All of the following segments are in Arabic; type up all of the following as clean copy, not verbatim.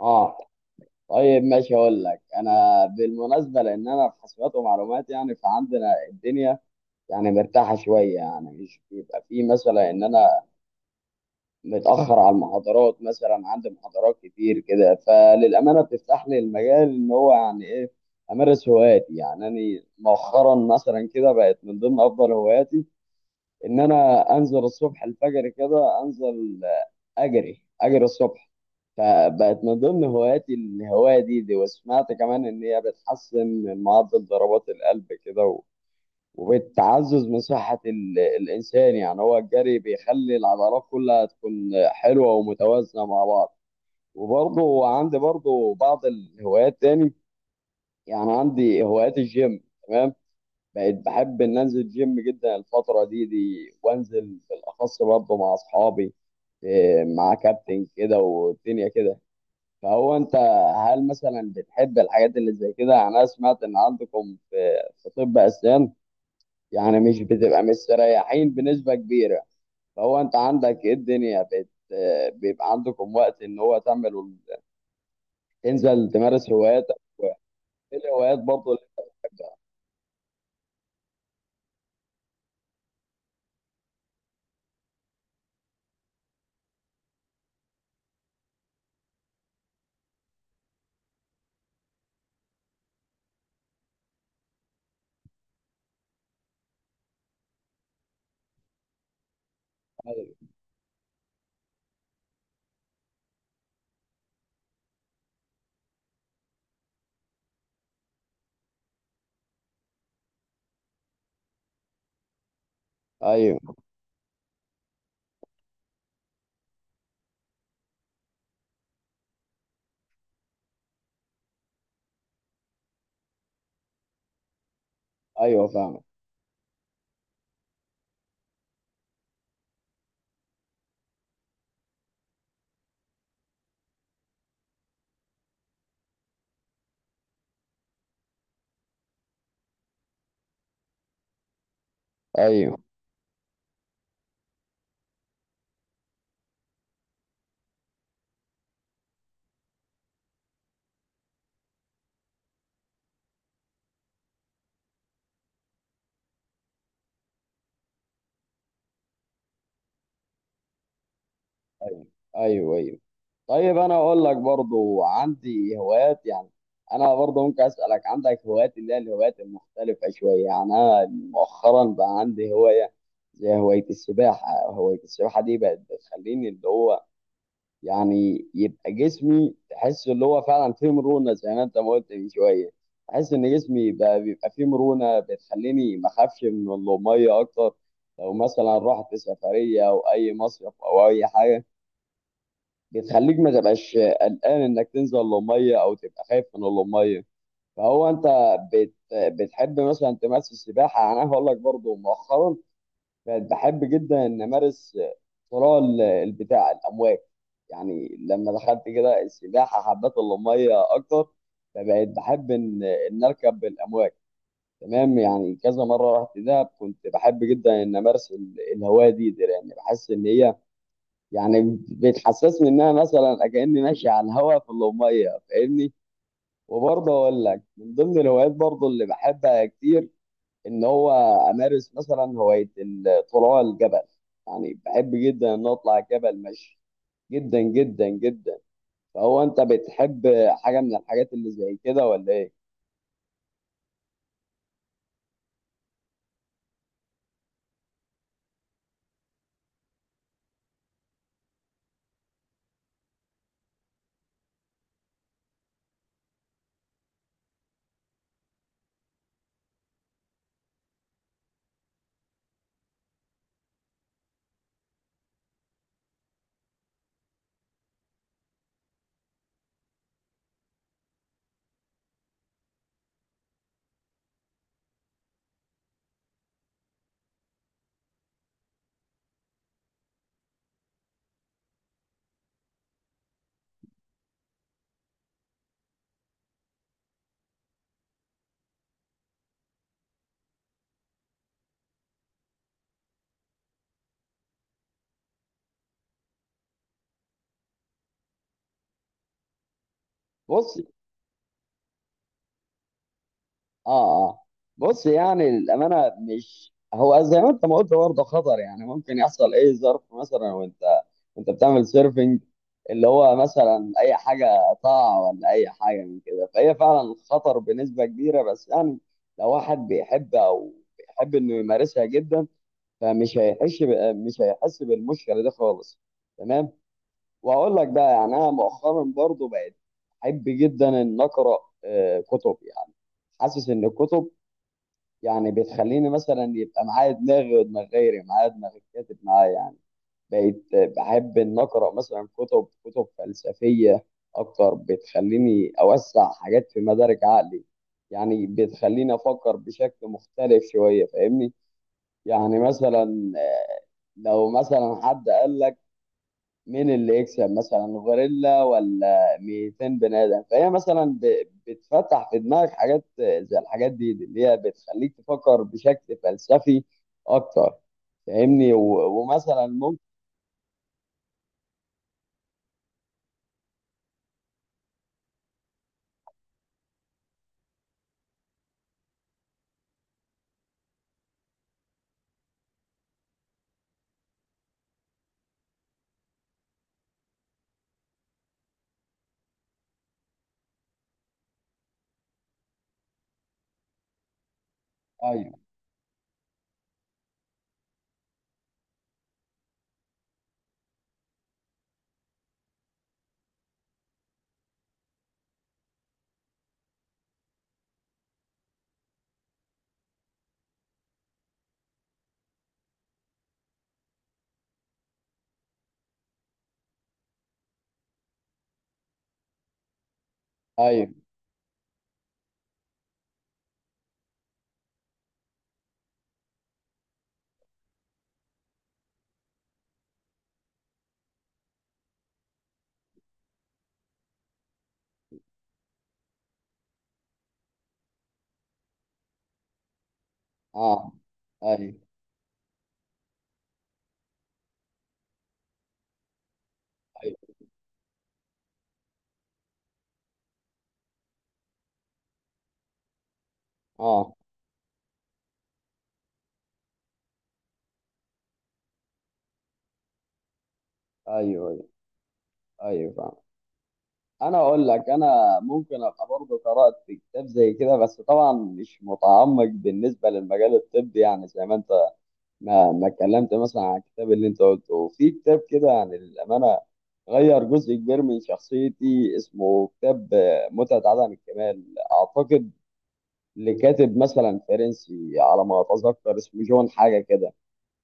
اه. طيب ماشي، اقول لك انا بالمناسبه، لان انا في حسابات ومعلومات، يعني فعندنا الدنيا يعني مرتاحه شويه، يعني مش بيبقى في مثلا ان انا متاخر على المحاضرات مثلا. عندي محاضرات كتير كده، فللامانه بتفتح لي المجال ان هو يعني ايه امارس هواياتي. يعني انا مؤخرا مثلا كده بقت من ضمن افضل هواياتي ان انا انزل الصبح الفجر كده، انزل اجري الصبح. فبقت من ضمن هواياتي الهوايه دي، وسمعت كمان ان هي بتحسن من معدل ضربات القلب كده، وبتعزز من صحه الانسان. يعني هو الجري بيخلي العضلات كلها تكون حلوه ومتوازنه مع بعض. وبرضه عندي بعض الهوايات تاني. يعني عندي هوايات الجيم. تمام. بقيت بحب ان انزل جيم جدا الفتره دي، وانزل بالاخص برضه مع اصحابي. إيه، مع كابتن كده والدنيا كده. فهو انت، هل مثلا بتحب الحاجات اللي زي كده؟ يعني انا سمعت ان عندكم في في طب اسنان يعني مش بتبقى مستريحين بنسبه كبيره. فهو انت عندك ايه الدنيا، بت آه، بيبقى عندكم وقت ان هو تعمل، تنزل تمارس هواياتك؟ ايه الهوايات برضه اللي انت بتعملها؟ ايوه، ايوه فاهمك. ايوه، ايوه، ايوه، ايوه. طيب انا اقول لك برضو عندي هوايات. يعني انا برضو ممكن اسالك عندك هوايات اللي هي الهوايات المختلفه شويه. يعني انا مؤخرا بقى عندي هوايه زي هوايه السباحه. هوايه السباحه دي بقت بتخليني اللي هو يعني يبقى جسمي، تحس اللي هو فعلا فيه مرونه زي ما انت ما قلت من شويه. تحس ان جسمي بقى بيبقى فيه مرونه، بتخليني ما اخافش من الميه اكتر. لو مثلا رحت سفريه او اي مصيف او اي حاجه، بتخليك ما تبقاش قلقان انك تنزل للميه او تبقى خايف من الميه. فهو انت، بت بتحب مثلا تمارس السباحه؟ يعني انا هقول لك برضو مؤخرا بقت بحب جدا ان امارس صراع البتاع الامواج. يعني لما دخلت كده السباحه حبيت الميه اكتر، فبقيت بحب ان اركب الامواج. تمام. يعني كذا مره رحت دهب كنت بحب جدا ان امارس الهوايه دي، لان بحس ان هي يعني بتحسسني ان انا مثلا كاني ماشي على الهواء في الأمية فاهمني. وبرضه اقول لك من ضمن الهوايات برضه اللي بحبها كتير ان هو امارس مثلا هواية الطلوع الجبل. يعني بحب جدا ان اطلع الجبل مشي، جدا جدا جدا. فهو انت بتحب حاجة من الحاجات اللي زي كده ولا ايه؟ بص. اه، اه. بص، يعني الامانه مش هو زي ما انت ما قلت برضه خطر. يعني ممكن يحصل اي ظرف مثلا وانت بتعمل سيرفنج، اللي هو مثلا اي حاجه تقع ولا اي حاجه من كده، فهي فعلا خطر بنسبه كبيره. بس يعني لو واحد بيحب، او بيحب انه يمارسها جدا، فمش هيحس مش هيحس بالمشكله دي خالص. تمام. واقول لك بقى، يعني انا مؤخرا برضه بقيت احب جدا ان اقرا كتب. يعني حاسس ان الكتب يعني بتخليني مثلا يبقى معايا دماغي ودماغ غيري، معايا دماغ الكاتب معايا. يعني بقيت بحب ان اقرا مثلا كتب فلسفيه اكتر، بتخليني اوسع حاجات في مدارك عقلي. يعني بتخليني افكر بشكل مختلف شويه فاهمني. يعني مثلا لو مثلا حد قال لك مين اللي يكسب مثلا غوريلا ولا 200 بني ادم، فهي مثلا بتفتح في دماغك حاجات زي الحاجات دي اللي هي بتخليك تفكر بشكل فلسفي اكتر فاهمني. ومثلا ممكن. ايوه، ايوه. اه، ايوه، ايوه. اه، ايوه، ايوه، ايوه فاهم. انا اقول لك انا ممكن ابقى برضه قرات كتاب زي كده، بس طبعا مش متعمق بالنسبه للمجال الطبي. يعني زي ما انت ما اتكلمت مثلا عن الكتاب اللي انت قلته. وفي كتاب كده عن الامانه غير جزء كبير من شخصيتي، اسمه كتاب متعه عدم الكمال، اعتقد، لكاتب مثلا فرنسي على ما اتذكر اسمه جون حاجه كده.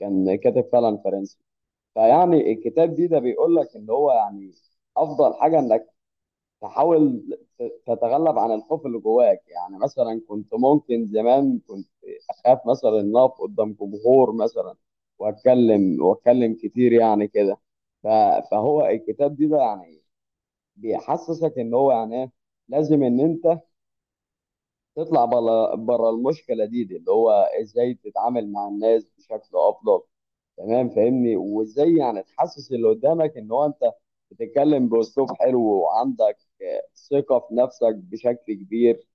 كان كاتب فعلا فرنسي. فيعني الكتاب دي ده بيقول لك ان هو يعني افضل حاجه انك تحاول تتغلب عن الخوف اللي جواك. يعني مثلا كنت، ممكن زمان كنت اخاف مثلا ان اقف قدام جمهور مثلا واتكلم واتكلم كتير يعني كده. ف- فهو الكتاب دي بقى، يعني بيحسسك ان هو يعني ايه لازم ان انت تطلع بره المشكله دي، اللي هو ازاي تتعامل مع الناس بشكل افضل. تمام فاهمني. وازاي يعني تحسس اللي قدامك ان هو انت بتتكلم باسلوب حلو وعندك ثقة في نفسك بشكل كبير.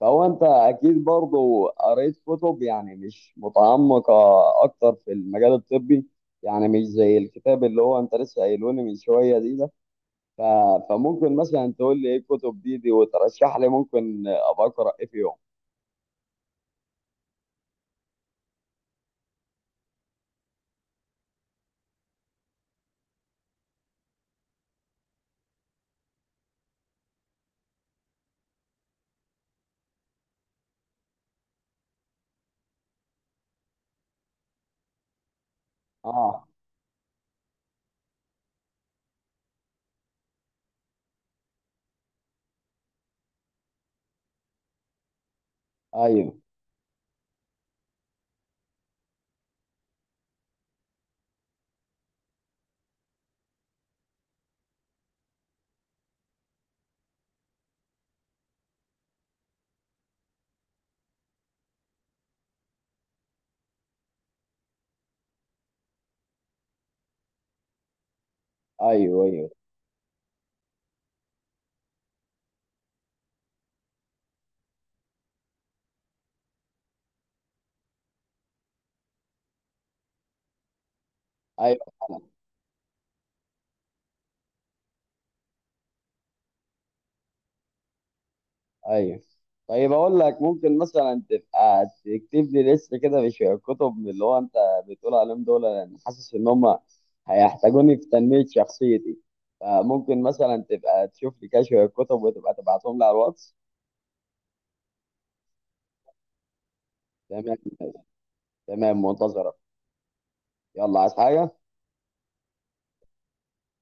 فهو انت اكيد برضو قريت كتب يعني مش متعمقة اكتر في المجال الطبي، يعني مش زي الكتاب اللي هو انت لسه قايلوني من شوية دي ده. ف... فممكن مثلا تقول لي ايه الكتب دي، وترشح لي ممكن ابقى اقرا ايه فيهم. اه، ايوه، ايوه، ايوه، ايوه، ايوه. طيب اقول لك، ممكن مثلا تبقى تكتب لي لسه كده، مش كتب من اللي هو انت بتقول عليهم دول، لان حاسس ان هم هيحتاجوني في تنمية شخصيتي. فممكن مثلا تبقى تشوف لي كده شوية كتب وتبقى تبعتهم لي على الواتس. تمام. تمام منتظرك. يلا، عايز حاجة؟